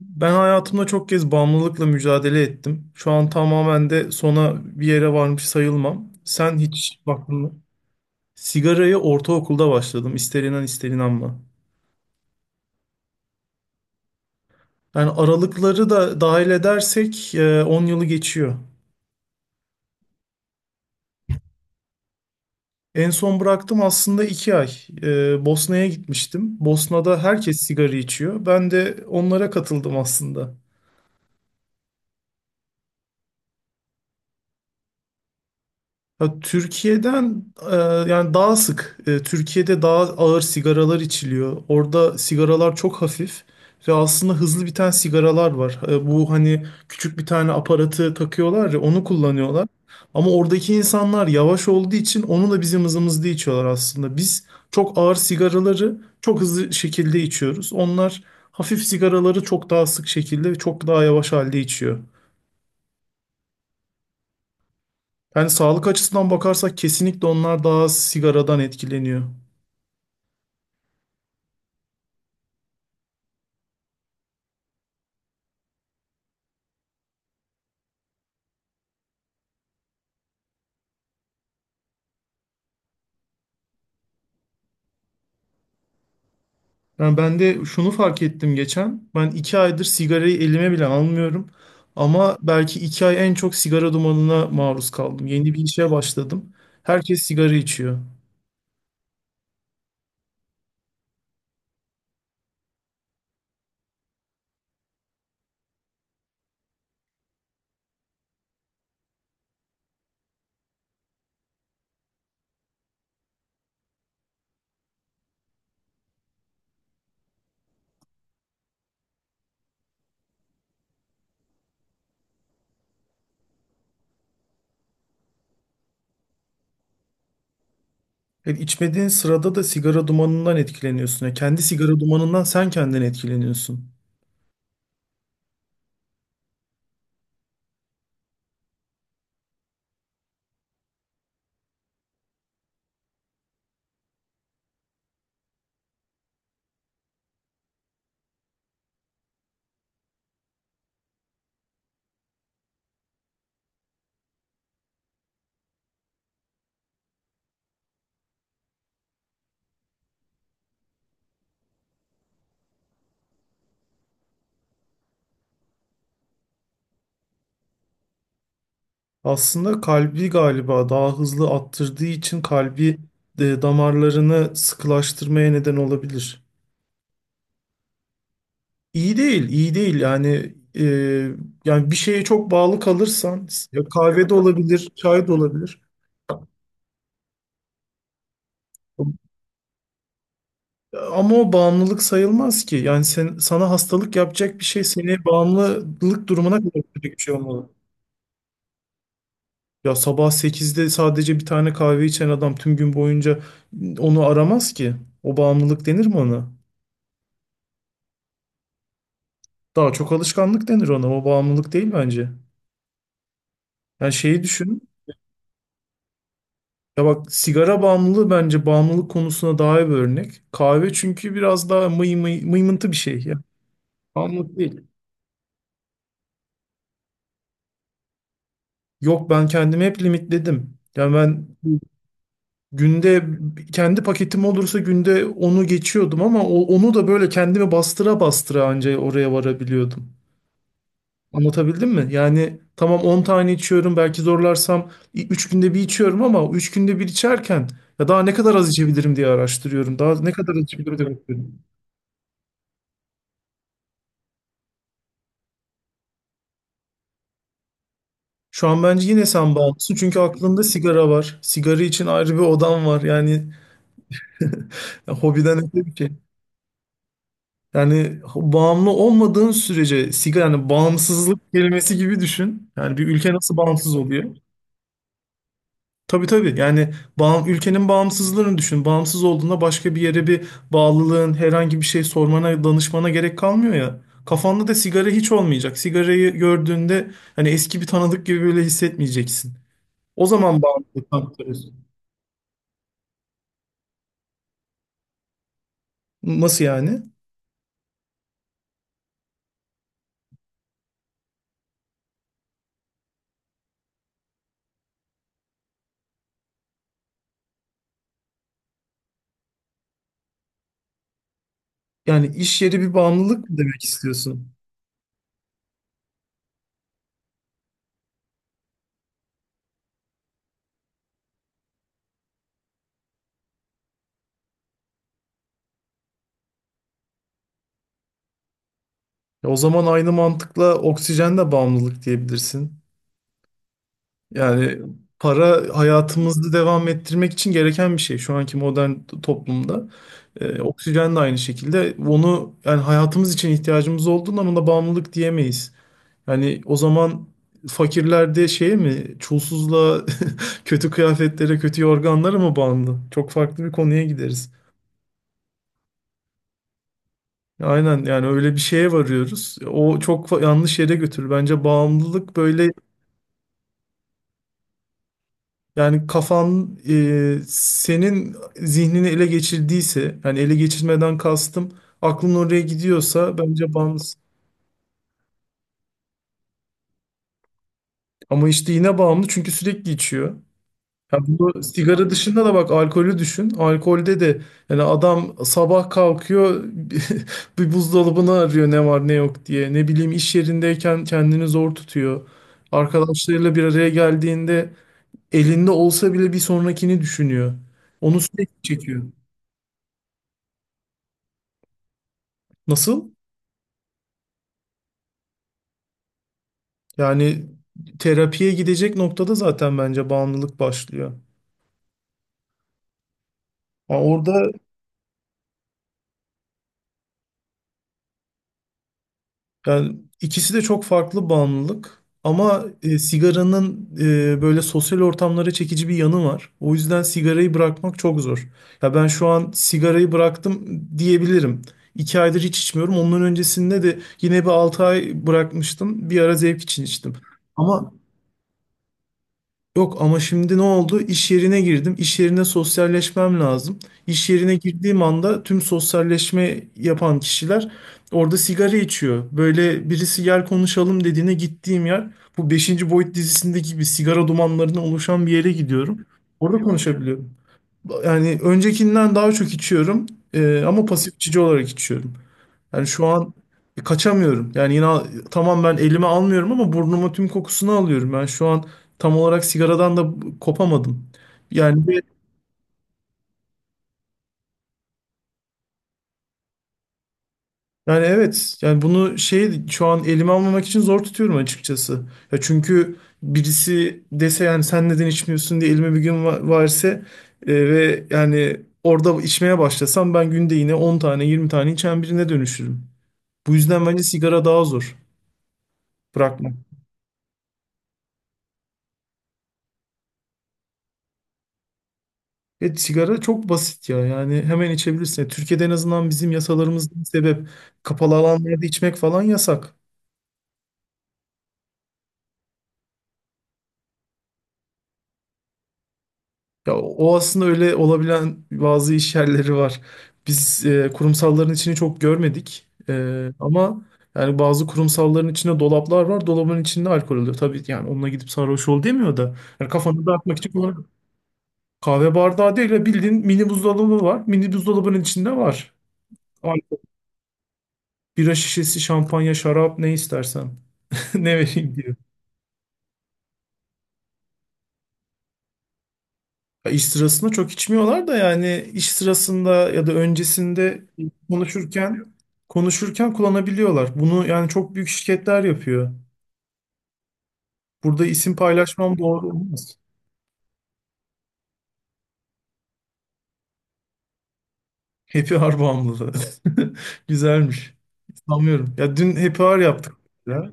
Ben hayatımda çok kez bağımlılıkla mücadele ettim. Şu an tamamen de sona bir yere varmış sayılmam. Sen hiç baktın mı? Sigaraya ortaokulda başladım. İster inan ister inanma. Yani aralıkları da dahil edersek 10 yılı geçiyor. En son bıraktım aslında 2 ay. Bosna'ya gitmiştim. Bosna'da herkes sigara içiyor. Ben de onlara katıldım aslında. Ya Türkiye'den e, yani daha sık. Türkiye'de daha ağır sigaralar içiliyor. Orada sigaralar çok hafif ve aslında hızlı biten sigaralar var. Bu hani küçük bir tane aparatı takıyorlar ya onu kullanıyorlar. Ama oradaki insanlar yavaş olduğu için onu da bizim hızımızda içiyorlar aslında. Biz çok ağır sigaraları çok hızlı şekilde içiyoruz. Onlar hafif sigaraları çok daha sık şekilde ve çok daha yavaş halde içiyor. Yani sağlık açısından bakarsak kesinlikle onlar daha az sigaradan etkileniyor. Yani ben de şunu fark ettim geçen. Ben iki aydır sigarayı elime bile almıyorum. Ama belki iki ay en çok sigara dumanına maruz kaldım. Yeni bir işe başladım. Herkes sigara içiyor. Yani içmediğin sırada da sigara dumanından etkileniyorsun. Yani kendi sigara dumanından sen kendin etkileniyorsun. Aslında kalbi galiba daha hızlı attırdığı için damarlarını sıkılaştırmaya neden olabilir. İyi değil, iyi değil. Yani bir şeye çok bağlı kalırsan, ya kahve de olabilir, çay da olabilir. Ama o bağımlılık sayılmaz ki. Yani sana hastalık yapacak bir şey seni bağımlılık durumuna kadar götürecek bir şey olmalı. Ya sabah sekizde sadece bir tane kahve içen adam tüm gün boyunca onu aramaz ki. O bağımlılık denir mi ona? Daha çok alışkanlık denir ona. O bağımlılık değil bence. Yani şeyi düşün. Ya bak sigara bağımlılığı bence bağımlılık konusuna daha iyi bir örnek. Kahve çünkü biraz daha mıy mıy, mıymıntı bir şey. Ya bağımlılık değil. Yok ben kendimi hep limitledim. Yani ben günde kendi paketim olursa günde onu geçiyordum ama onu da böyle kendimi bastıra bastıra anca oraya varabiliyordum. Anlatabildim mi? Yani tamam 10 tane içiyorum belki zorlarsam 3 günde bir içiyorum ama 3 günde bir içerken ya daha ne kadar az içebilirim diye araştırıyorum. Daha ne kadar az içebilirim diye bakıyorum. Şu an bence yine sen bağımlısın çünkü aklında sigara var. Sigara için ayrı bir odan var. Yani hobiden öte bir şey. Yani bağımlı olmadığın sürece sigara yani bağımsızlık kelimesi gibi düşün. Yani bir ülke nasıl bağımsız oluyor? Tabii tabii. Yani ülkenin bağımsızlığını düşün. Bağımsız olduğunda başka bir yere bir bağlılığın, herhangi bir şey sormana, danışmana gerek kalmıyor ya. Kafanda da sigara hiç olmayacak. Sigarayı gördüğünde hani eski bir tanıdık gibi böyle hissetmeyeceksin. O zaman bağımlılıktan kurtulursun. Nasıl yani? Yani iş yeri bir bağımlılık mı demek istiyorsun? Ya o zaman aynı mantıkla oksijen de bağımlılık diyebilirsin. Yani para hayatımızı devam ettirmek için gereken bir şey şu anki modern toplumda. Oksijen de aynı şekilde. Onu yani hayatımız için ihtiyacımız olduğunda buna bağımlılık diyemeyiz. Yani o zaman fakirler de şeye mi, çulsuzluğa, kötü kıyafetlere, kötü yorganlara mı bağımlı? Çok farklı bir konuya gideriz. Aynen yani öyle bir şeye varıyoruz. O yanlış yere götürür. Bence bağımlılık böyle yani senin zihnini ele geçirdiyse yani ele geçirmeden kastım aklın oraya gidiyorsa bence bağımlısın. Ama işte yine bağımlı çünkü sürekli içiyor. Ya bu sigara dışında da bak alkolü düşün. Alkolde de yani adam sabah kalkıyor bir buzdolabını arıyor ne var ne yok diye. Ne bileyim iş yerindeyken kendini zor tutuyor. Arkadaşlarıyla bir araya geldiğinde elinde olsa bile bir sonrakini düşünüyor. Onu sürekli çekiyor. Nasıl? Yani terapiye gidecek noktada zaten bence bağımlılık başlıyor. Yani orada yani ikisi de çok farklı bağımlılık ama sigaranın böyle sosyal ortamlara çekici bir yanı var. O yüzden sigarayı bırakmak çok zor. Ya ben şu an sigarayı bıraktım diyebilirim. İki aydır hiç içmiyorum. Ondan öncesinde de yine bir altı ay bırakmıştım. Bir ara zevk için içtim. Ama yok ama şimdi ne oldu? İş yerine girdim. İş yerine sosyalleşmem lazım. İş yerine girdiğim anda tüm sosyalleşme yapan kişiler orada sigara içiyor. Böyle birisi gel konuşalım dediğine gittiğim yer bu beşinci Boyut dizisindeki gibi sigara dumanlarından oluşan bir yere gidiyorum. Orada konuşabiliyorum. Yani öncekinden daha çok içiyorum. Ama pasif içici olarak içiyorum. Yani şu an kaçamıyorum. Yani yine tamam ben elime almıyorum ama burnuma tüm kokusunu alıyorum. Ben şu an tam olarak sigaradan da kopamadım. Yani bir- yani evet. Yani bunu şey şu an elime almamak için zor tutuyorum açıkçası. Ya çünkü birisi dese yani sen neden içmiyorsun diye elime bir gün verse ve yani orada içmeye başlasam ben günde yine 10 tane 20 tane içen birine dönüşürüm. Bu yüzden bence sigara daha zor bırakmak. Evet, sigara çok basit ya. Yani hemen içebilirsin. Yani Türkiye'de en azından bizim yasalarımızın sebep kapalı alanlarda içmek falan yasak. Ya o aslında öyle olabilen bazı iş yerleri var. Biz kurumsalların içini çok görmedik. Ama yani bazı kurumsalların içinde dolaplar var. Dolabın içinde alkol oluyor. Tabii yani onunla gidip sarhoş ol demiyor da. Yani kafanı dağıtmak için kahve bardağı değil de bildiğin mini buzdolabı var. Mini buzdolabının içinde var. Alkol, bira şişesi, şampanya, şarap ne istersen. Ne vereyim diye. Ya İş sırasında çok içmiyorlar da yani iş sırasında ya da öncesinde konuşurken konuşurken kullanabiliyorlar. Bunu yani çok büyük şirketler yapıyor. Burada isim paylaşmam doğru olmaz. Happy Hour bağımlılığı. Güzelmiş. Sanmıyorum. Ya dün Happy Hour yaptık. Ya.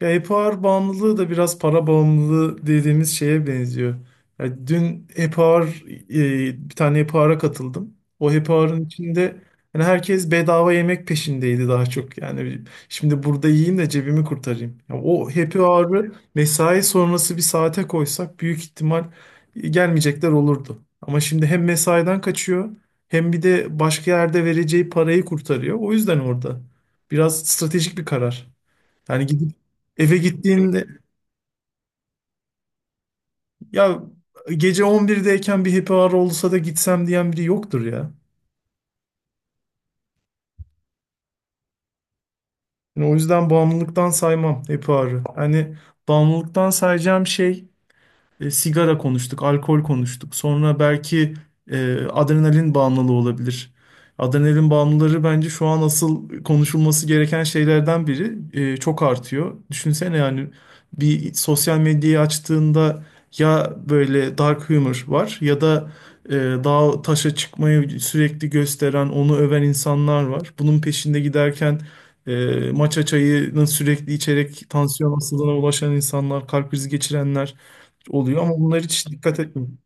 Ya e-power bağımlılığı da biraz para bağımlılığı dediğimiz şeye benziyor. Ya dün bir tane e-power'a katıldım. O e-power'ın içinde yani herkes bedava yemek peşindeydi daha çok. Yani şimdi burada yiyeyim de cebimi kurtarayım. Ya o happy hour'ı mesai sonrası bir saate koysak büyük ihtimal gelmeyecekler olurdu. Ama şimdi hem mesaiden kaçıyor hem bir de başka yerde vereceği parayı kurtarıyor. O yüzden orada biraz stratejik bir karar. Yani gidip eve gittiğinde ya gece 11'deyken bir happy hour olsa da gitsem diyen biri yoktur ya. Yani o yüzden bağımlılıktan saymam happy hour'ı. Hani bağımlılıktan sayacağım şey sigara konuştuk, alkol konuştuk. Sonra belki adrenalin bağımlılığı olabilir. Adrenalin bağımlıları bence şu an asıl konuşulması gereken şeylerden biri. Çok artıyor. Düşünsene yani bir sosyal medyayı açtığında ya böyle dark humor var ya da dağa taşa çıkmayı sürekli gösteren, onu öven insanlar var. Bunun peşinde giderken matcha çayını sürekli içerek tansiyon hastalığına ulaşan insanlar, kalp krizi geçirenler oluyor ama bunlar hiç dikkat etmiyorum.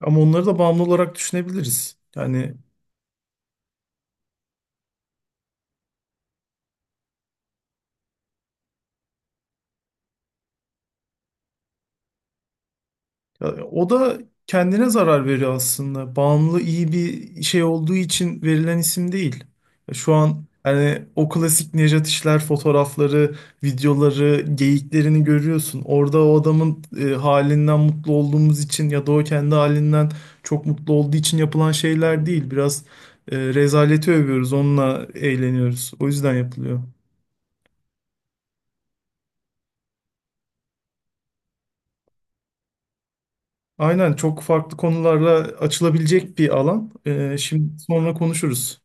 Ama onları da bağımlı olarak düşünebiliriz. Yani ya, o da kendine zarar veriyor aslında. Bağımlı iyi bir şey olduğu için verilen isim değil. Ya şu an hani o klasik Nejat İşler fotoğrafları, videoları, geyiklerini görüyorsun. Orada o adamın halinden mutlu olduğumuz için ya da o kendi halinden çok mutlu olduğu için yapılan şeyler değil. Biraz rezaleti övüyoruz, onunla eğleniyoruz. O yüzden yapılıyor. Aynen çok farklı konularla açılabilecek bir alan. Şimdi sonra konuşuruz.